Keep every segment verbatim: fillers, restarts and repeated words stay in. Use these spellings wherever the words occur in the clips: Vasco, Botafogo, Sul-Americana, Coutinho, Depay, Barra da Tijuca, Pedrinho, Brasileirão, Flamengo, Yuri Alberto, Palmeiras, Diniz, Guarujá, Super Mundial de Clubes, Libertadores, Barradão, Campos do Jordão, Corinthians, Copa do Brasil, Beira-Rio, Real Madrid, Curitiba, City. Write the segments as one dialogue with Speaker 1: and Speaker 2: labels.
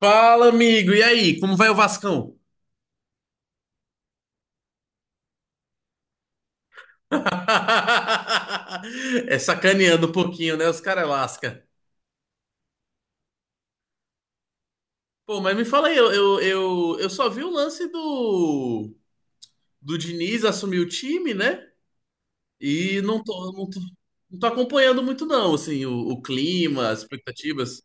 Speaker 1: Fala, amigo. E aí, como vai o Vascão? É sacaneando um pouquinho, né? Os caras lasca. Pô, mas me fala aí, eu, eu, eu, eu só vi o lance do, do Diniz assumir o time, né? E não tô, não tô, não tô acompanhando muito, não, assim, o, o clima, as expectativas.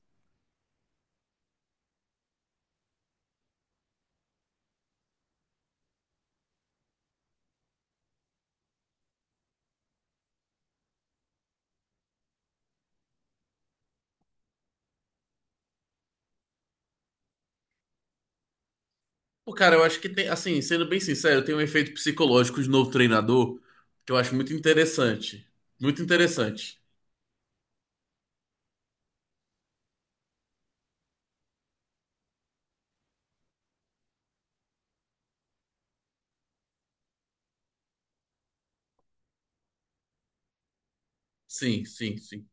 Speaker 1: Pô, cara, eu acho que tem, assim, sendo bem sincero, tem um efeito psicológico de novo treinador que eu acho muito interessante. Muito interessante. Sim, sim, sim.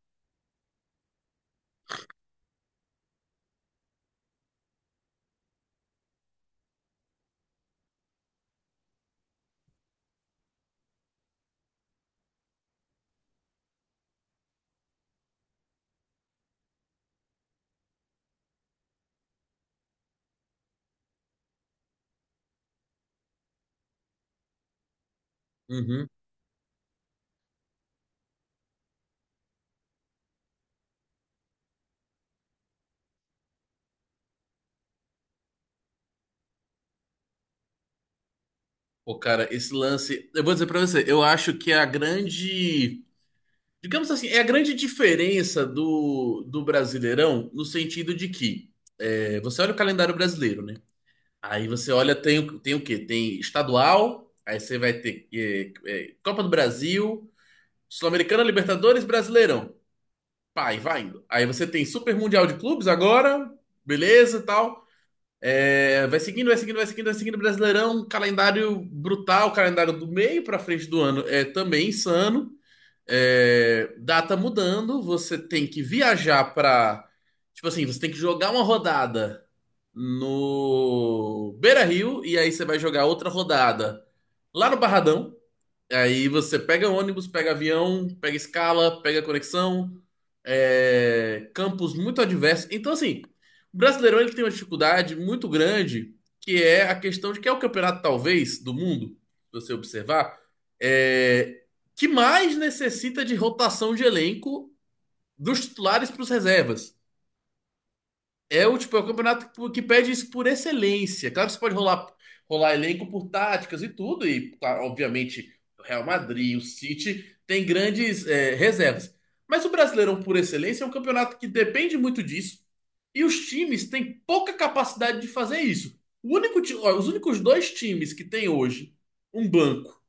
Speaker 1: Uhum. Pô, cara, esse lance. Eu vou dizer pra você, eu acho que é a grande. Digamos assim, é a grande diferença do, do Brasileirão no sentido de que é, você olha o calendário brasileiro, né? Aí você olha, tem, o- tem o quê? Tem estadual, aí você vai ter é, é, Copa do Brasil, Sul-Americana, Libertadores, Brasileirão. Pai, vai indo. Aí você tem Super Mundial de Clubes agora, beleza e tal. É, vai seguindo, vai seguindo, vai seguindo, vai seguindo. Brasileirão, calendário brutal, calendário do meio para frente do ano é também insano. É, data mudando, você tem que viajar para, tipo assim, você tem que jogar uma rodada no Beira-Rio e aí você vai jogar outra rodada lá no Barradão. Aí você pega ônibus, pega avião, pega escala, pega conexão, é, campos muito adversos. Então, assim, o Brasileirão ele tem uma dificuldade muito grande, que é a questão de que é o campeonato, talvez, do mundo, se você observar, é, que mais necessita de rotação de elenco dos titulares para os reservas. É o tipo, é o campeonato que pede isso por excelência. Claro que você pode rolar, rolar elenco por táticas e tudo, e claro, obviamente o Real Madrid, o City tem grandes é, reservas. Mas o Brasileirão por excelência é um campeonato que depende muito disso, e os times têm pouca capacidade de fazer isso. O único, ti- ó, os únicos dois times que tem hoje um banco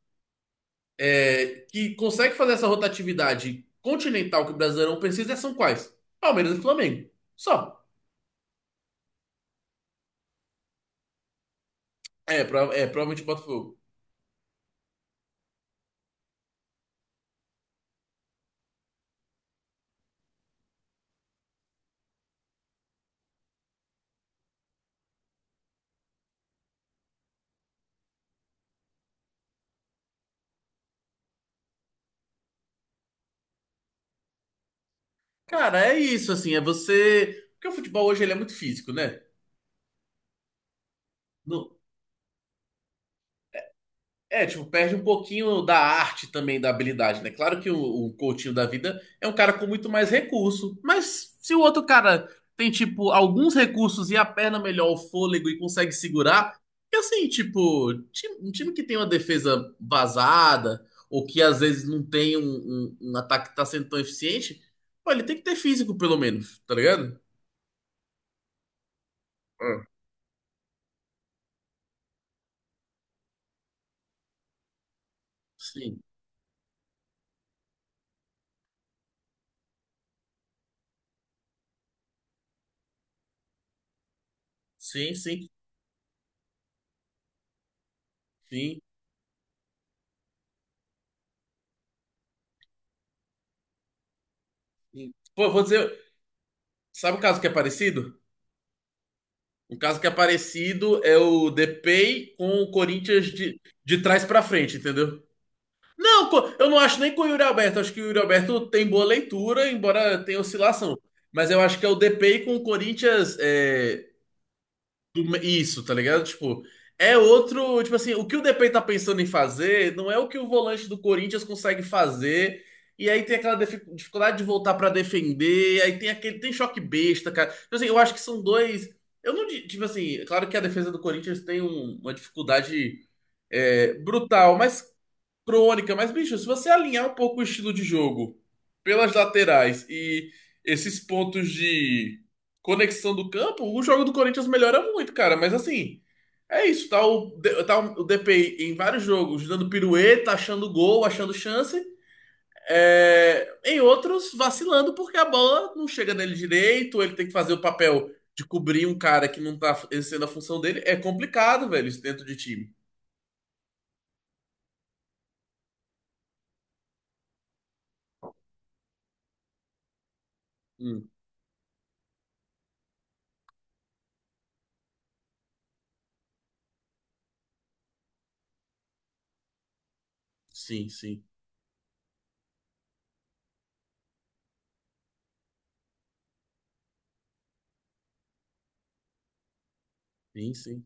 Speaker 1: é, que consegue fazer essa rotatividade continental que o Brasileirão precisa são quais? Palmeiras e Flamengo. Só. É, prova- é provavelmente o Botafogo. Cara, é isso, assim, é você. Porque o futebol hoje ele é muito físico, né? No- É, tipo, perde um pouquinho da arte também, da habilidade, né? Claro que o, o Coutinho da vida é um cara com muito mais recurso, mas se o outro cara tem, tipo, alguns recursos e a perna melhor, o fôlego e consegue segurar, que assim, tipo, ti- um time que tem uma defesa vazada, ou que às vezes não tem um, um- um ataque que tá sendo tão eficiente, pô, ele tem que ter físico, pelo menos, tá ligado? Hum. Sim. Sim, sim. Sim, sim. Pô, eu vou dizer, sabe um caso que é parecido? Um caso que é parecido é o Depay com o Corinthians de, de trás pra frente, entendeu? Não, co- eu não acho nem com o Yuri Alberto. Acho que o Yuri Alberto tem boa leitura, embora tenha oscilação. Mas eu acho que é o Depay com o Corinthians é, do- isso, tá ligado? Tipo, é outro. Tipo assim, o que o D P tá pensando em fazer não é o que o volante do Corinthians consegue fazer. E aí tem aquela difi- dificuldade de voltar pra defender. E aí tem aquele. Tem choque besta, cara. Tipo assim, eu acho que são dois. Eu não. di- Tipo assim, é claro que a defesa do Corinthians tem um- uma dificuldade é, brutal, mas crônica, mas, bicho, se você alinhar um pouco o estilo de jogo pelas laterais e esses pontos de conexão do campo, o jogo do Corinthians melhora muito, cara. Mas assim, é isso. Tá o, D- tá o D P I em vários jogos dando pirueta, achando gol, achando chance. É, em outros, vacilando porque a bola não chega nele direito, ele tem que fazer o papel de cobrir um cara que não tá exercendo a função dele. É complicado, velho, isso dentro de time. Hum, sim, sim, sim, sim.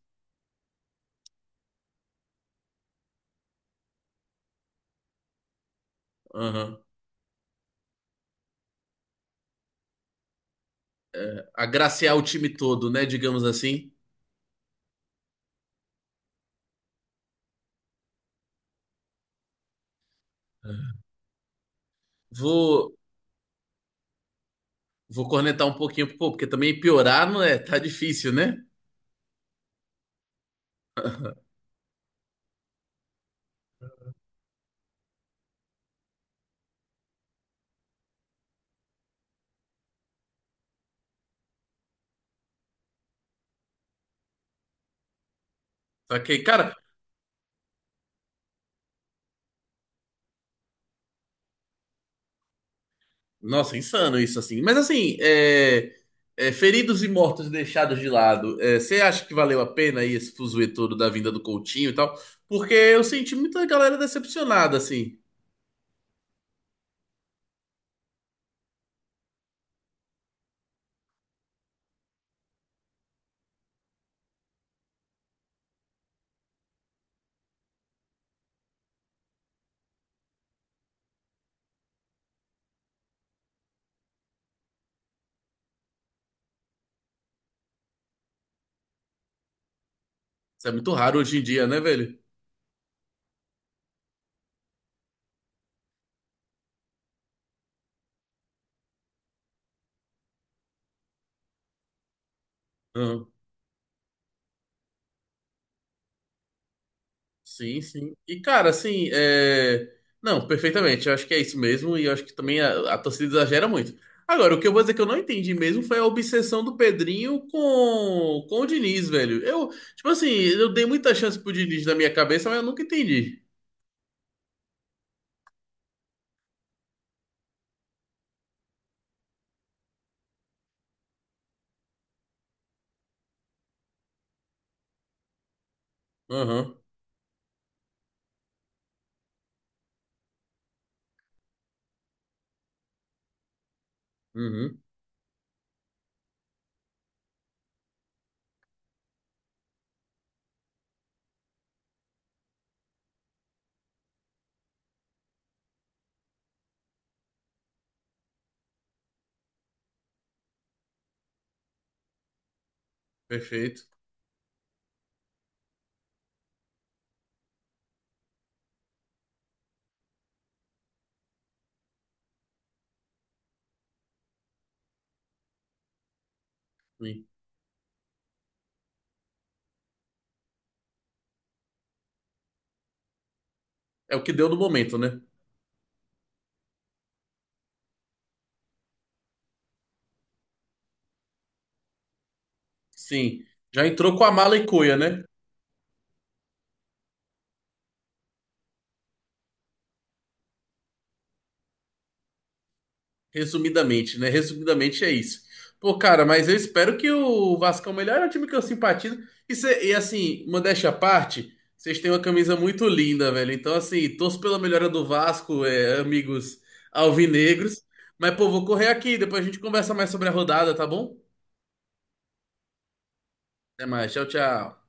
Speaker 1: Aham. eh, agraciar o time todo, né? Digamos assim. Vou, vou cornetar um pouquinho, pô, porque também piorar não é, tá difícil, né? Só que, cara, nossa, insano isso assim. Mas assim, é, é, feridos e mortos deixados de lado, é, você acha que valeu a pena aí esse fuzuê todo da vinda do Coutinho e tal? Porque eu senti muita galera decepcionada, assim. Isso é muito raro hoje em dia, né, velho? Sim, sim. E, cara, assim, é... Não, perfeitamente. Eu acho que é isso mesmo. E eu acho que também a, a torcida exagera muito. Agora, o que eu vou dizer que eu não entendi mesmo foi a obsessão do Pedrinho com, com o Diniz, velho. Eu, tipo assim, eu dei muita chance pro Diniz na minha cabeça, mas eu nunca entendi. Aham, uhum, perfeito. Sim. É o que deu no momento, né? Sim. Já entrou com a mala e cuia, né? Resumidamente, né? Resumidamente é isso. Pô, cara, mas eu espero que o Vascão melhore, é o time que eu simpatizo. E, cê- e, assim, modéstia à parte, vocês têm uma camisa muito linda, velho. Então, assim, torço pela melhora do Vasco, é, amigos alvinegros. Mas, pô, vou correr aqui, depois a gente conversa mais sobre a rodada, tá bom? Até mais, tchau, tchau.